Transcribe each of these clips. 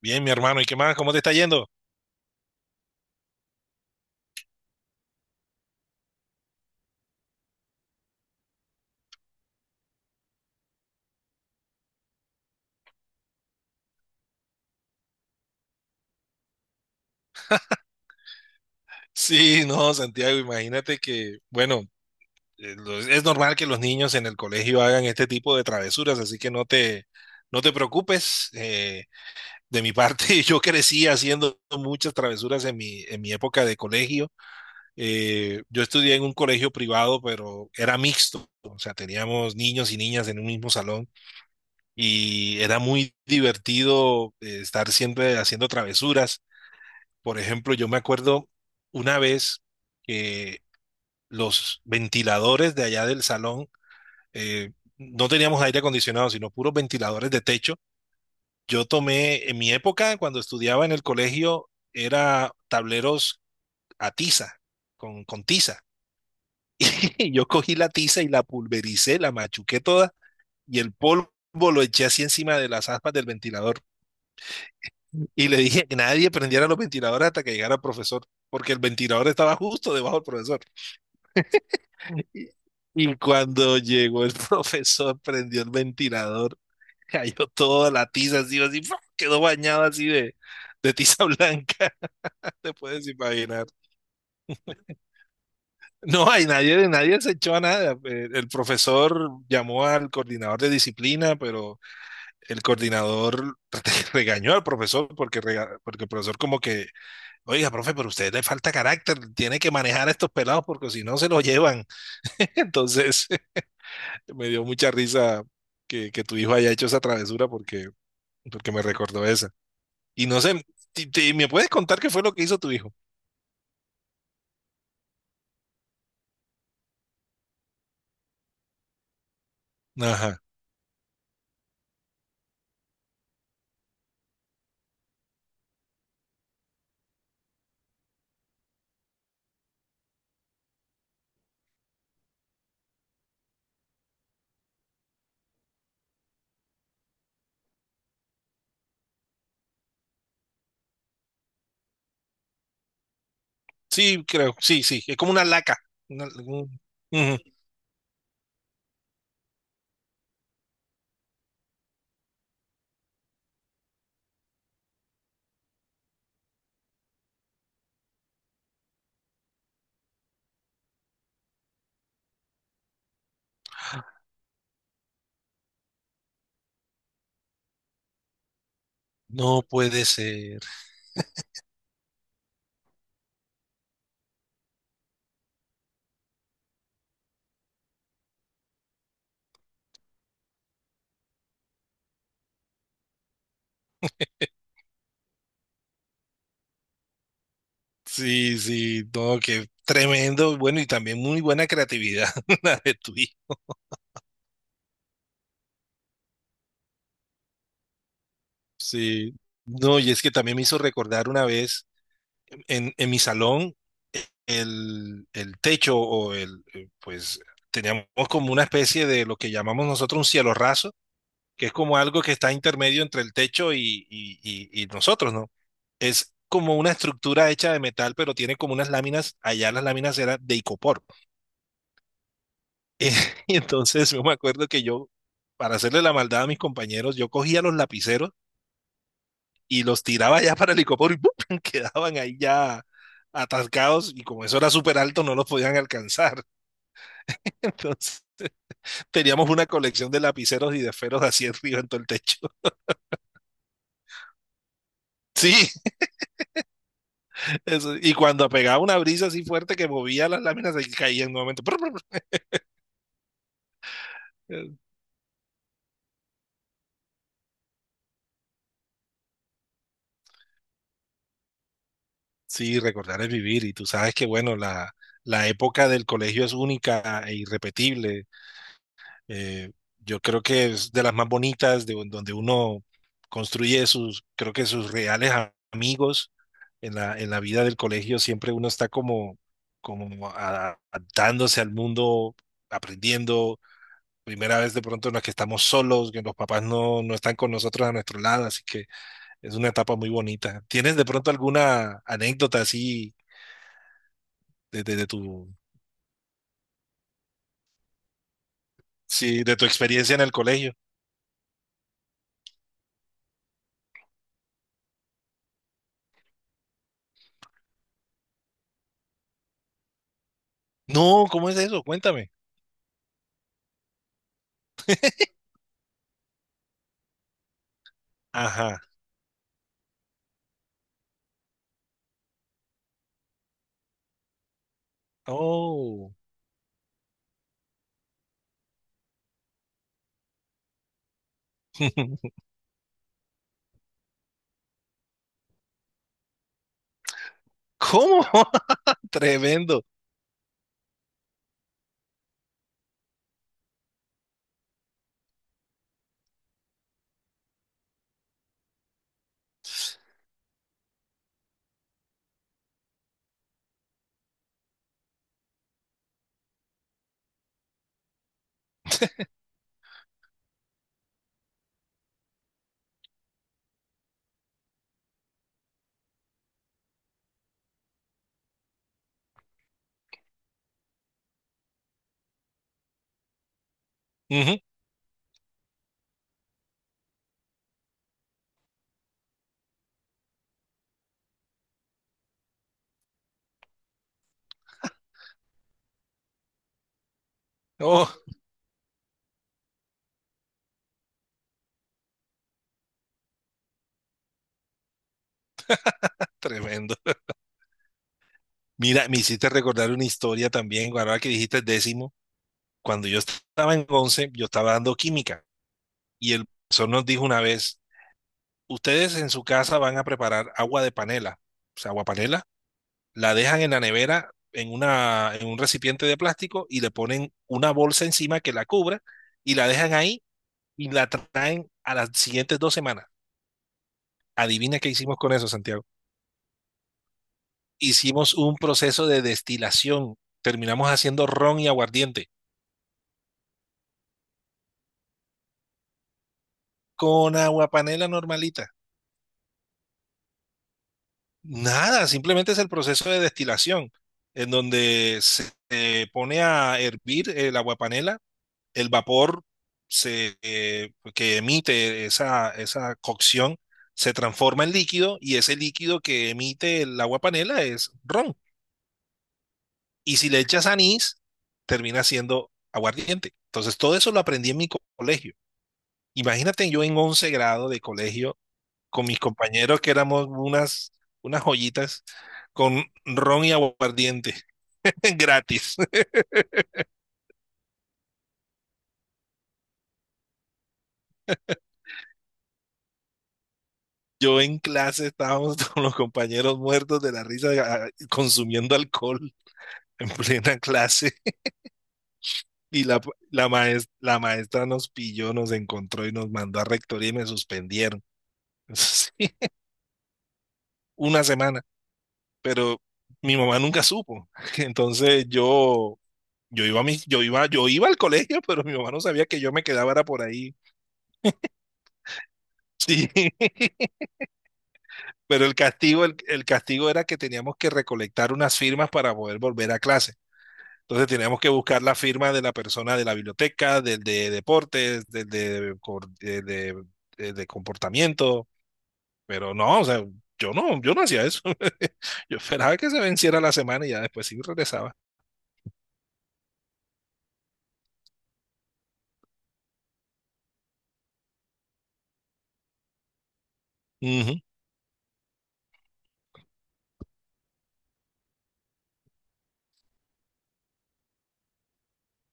Bien, mi hermano, ¿y qué más? ¿Cómo te está yendo? Sí, no, Santiago, imagínate que, bueno, es normal que los niños en el colegio hagan este tipo de travesuras, así que no te preocupes. De mi parte, yo crecí haciendo muchas travesuras en mi época de colegio. Yo estudié en un colegio privado, pero era mixto, o sea, teníamos niños y niñas en un mismo salón y era muy divertido, estar siempre haciendo travesuras. Por ejemplo, yo me acuerdo una vez que los ventiladores de allá del salón, eh, no teníamos aire acondicionado, sino puros ventiladores de techo. Yo tomé, en mi época, cuando estudiaba en el colegio, era tableros a tiza, con tiza. Yo cogí la tiza y la pulvericé, la machuqué toda y el polvo lo eché así encima de las aspas del ventilador. Y le dije que nadie prendiera los ventiladores hasta que llegara el profesor, porque el ventilador estaba justo debajo del profesor. Y y cuando llegó el profesor, prendió el ventilador, cayó toda la tiza así, así, ¡fua! Quedó bañado así de tiza blanca, te puedes imaginar. No, hay nadie, nadie se echó a nada. El profesor llamó al coordinador de disciplina, pero el coordinador regañó al profesor porque el profesor como que, oiga, profe, pero a usted le falta carácter, tiene que manejar a estos pelados porque si no se los llevan. Entonces... Me dio mucha risa que tu hijo haya hecho esa travesura porque me recordó esa. Y no sé, ¿me puedes contar qué fue lo que hizo tu hijo? Ajá. Sí, creo, sí, sí. Es como una laca. Una- un- Ujú. No puede ser. Sí, sí, no, qué tremendo. Bueno, y también muy buena creatividad la de tu hijo. Sí. No, y es que también me hizo recordar una vez en mi salón. El techo o el pues teníamos como una especie de lo que llamamos nosotros un cielo raso, que es como algo que está intermedio entre el techo y nosotros, ¿no? Es como una estructura hecha de metal, pero tiene como unas láminas, allá las láminas eran de icopor. Eh, y entonces yo me acuerdo que yo, para hacerle la maldad a mis compañeros, yo cogía los lapiceros y los tiraba ya para el icopor y ¡pum! Quedaban ahí ya atascados y como eso era súper alto, no los podían alcanzar. Entonces... teníamos una colección de lapiceros y de esferos así arriba en todo el techo. Sí, eso. Y cuando pegaba una brisa así fuerte que movía las láminas, se caían nuevamente. Sí, recordar es vivir y tú sabes que, bueno, la época del colegio es única e irrepetible. Eh, yo creo que es de las más bonitas, donde uno construye sus, creo que sus reales amigos en la vida del colegio, siempre uno está como, adaptándose al mundo, aprendiendo, primera vez de pronto en la que estamos solos, que los papás no están con nosotros a nuestro lado, así que es una etapa muy bonita. ¿Tienes de pronto alguna anécdota así de tu, sí, de tu experiencia en el colegio? No, ¿cómo es eso? Cuéntame. Ajá. Oh. ¿Cómo? Tremendo. Ujú. Oh, tremendo. Mira, me hiciste recordar una historia también, ahora que dijiste décimo, cuando yo estaba en 11 yo estaba dando química y el profesor nos dijo una vez, ustedes en su casa van a preparar agua de panela, o sea, agua panela, la dejan en la nevera en un recipiente de plástico y le ponen una bolsa encima que la cubra y la dejan ahí y la traen a las siguientes dos semanas. Adivina qué hicimos con eso, Santiago. Hicimos un proceso de destilación. Terminamos haciendo ron y aguardiente con agua panela normalita. Nada, simplemente es el proceso de destilación en donde se pone a hervir el aguapanela, el vapor se, que emite esa, esa cocción, se transforma en líquido y ese líquido que emite el agua panela es ron. Y si le echas anís, termina siendo aguardiente. Entonces, todo eso lo aprendí en mi colegio. Imagínate yo en 11 grado de colegio con mis compañeros que éramos unas joyitas con ron y aguardiente gratis. Yo en clase estábamos con los compañeros muertos de la risa ah, consumiendo alcohol en plena clase. Y la maestra nos pilló, nos encontró y nos mandó a rectoría y me suspendieron. Sí, una semana, pero mi mamá nunca supo. Entonces yo iba a mi, yo iba al colegio, pero mi mamá no sabía que yo me quedaba era por ahí. Sí, pero el castigo era que teníamos que recolectar unas firmas para poder volver a clase. Entonces teníamos que buscar la firma de la persona de la biblioteca, del de deportes, del de, cor- de comportamiento, pero no, o sea, yo no hacía eso. Yo esperaba que se venciera la semana y ya después sí regresaba. Ujú,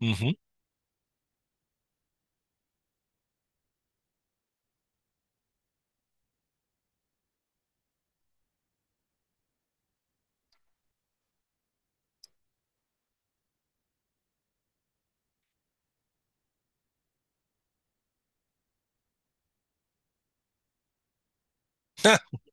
ujú.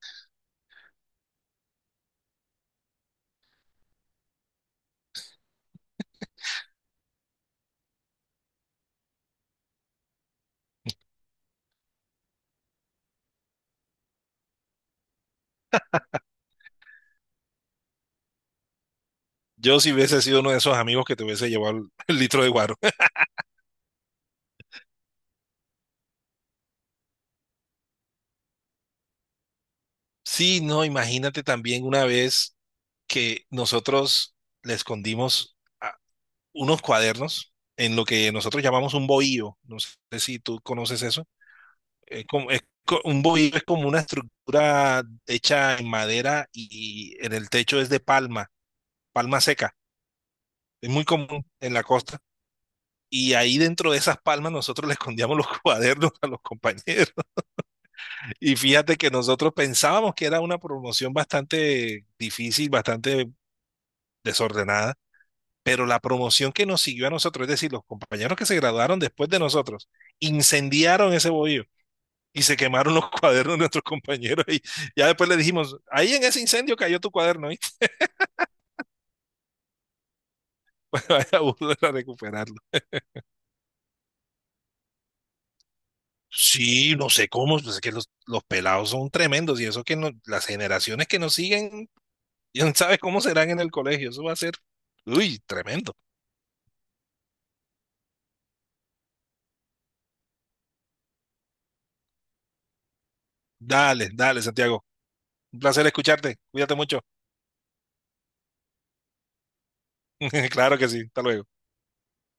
Yo si hubiese sido uno de esos amigos que te hubiese llevado el litro de guaro. Sí, no, imagínate también una vez que nosotros le escondimos a- unos cuadernos en lo que nosotros llamamos un bohío. No sé si tú conoces eso. Es como, un bohío es como una estructura hecha en madera y en el techo es de palma, palma seca. Es muy común en la costa. Y ahí dentro de esas palmas nosotros le escondíamos los cuadernos a los compañeros. Y fíjate que nosotros pensábamos que era una promoción bastante difícil, bastante desordenada, pero la promoción que nos siguió a nosotros, es decir, los compañeros que se graduaron después de nosotros, incendiaron ese bohío. Y se quemaron los cuadernos de nuestros compañeros y ya después le dijimos, ahí en ese incendio cayó tu cuaderno y vaya a volver a recuperarlo. Sí, no sé cómo, pues es que los pelados son tremendos y eso que las generaciones que nos siguen, ya no sabes cómo serán en el colegio, eso va a ser, uy, tremendo. Dale, dale, Santiago, un placer escucharte, cuídate mucho. Claro que sí, hasta luego.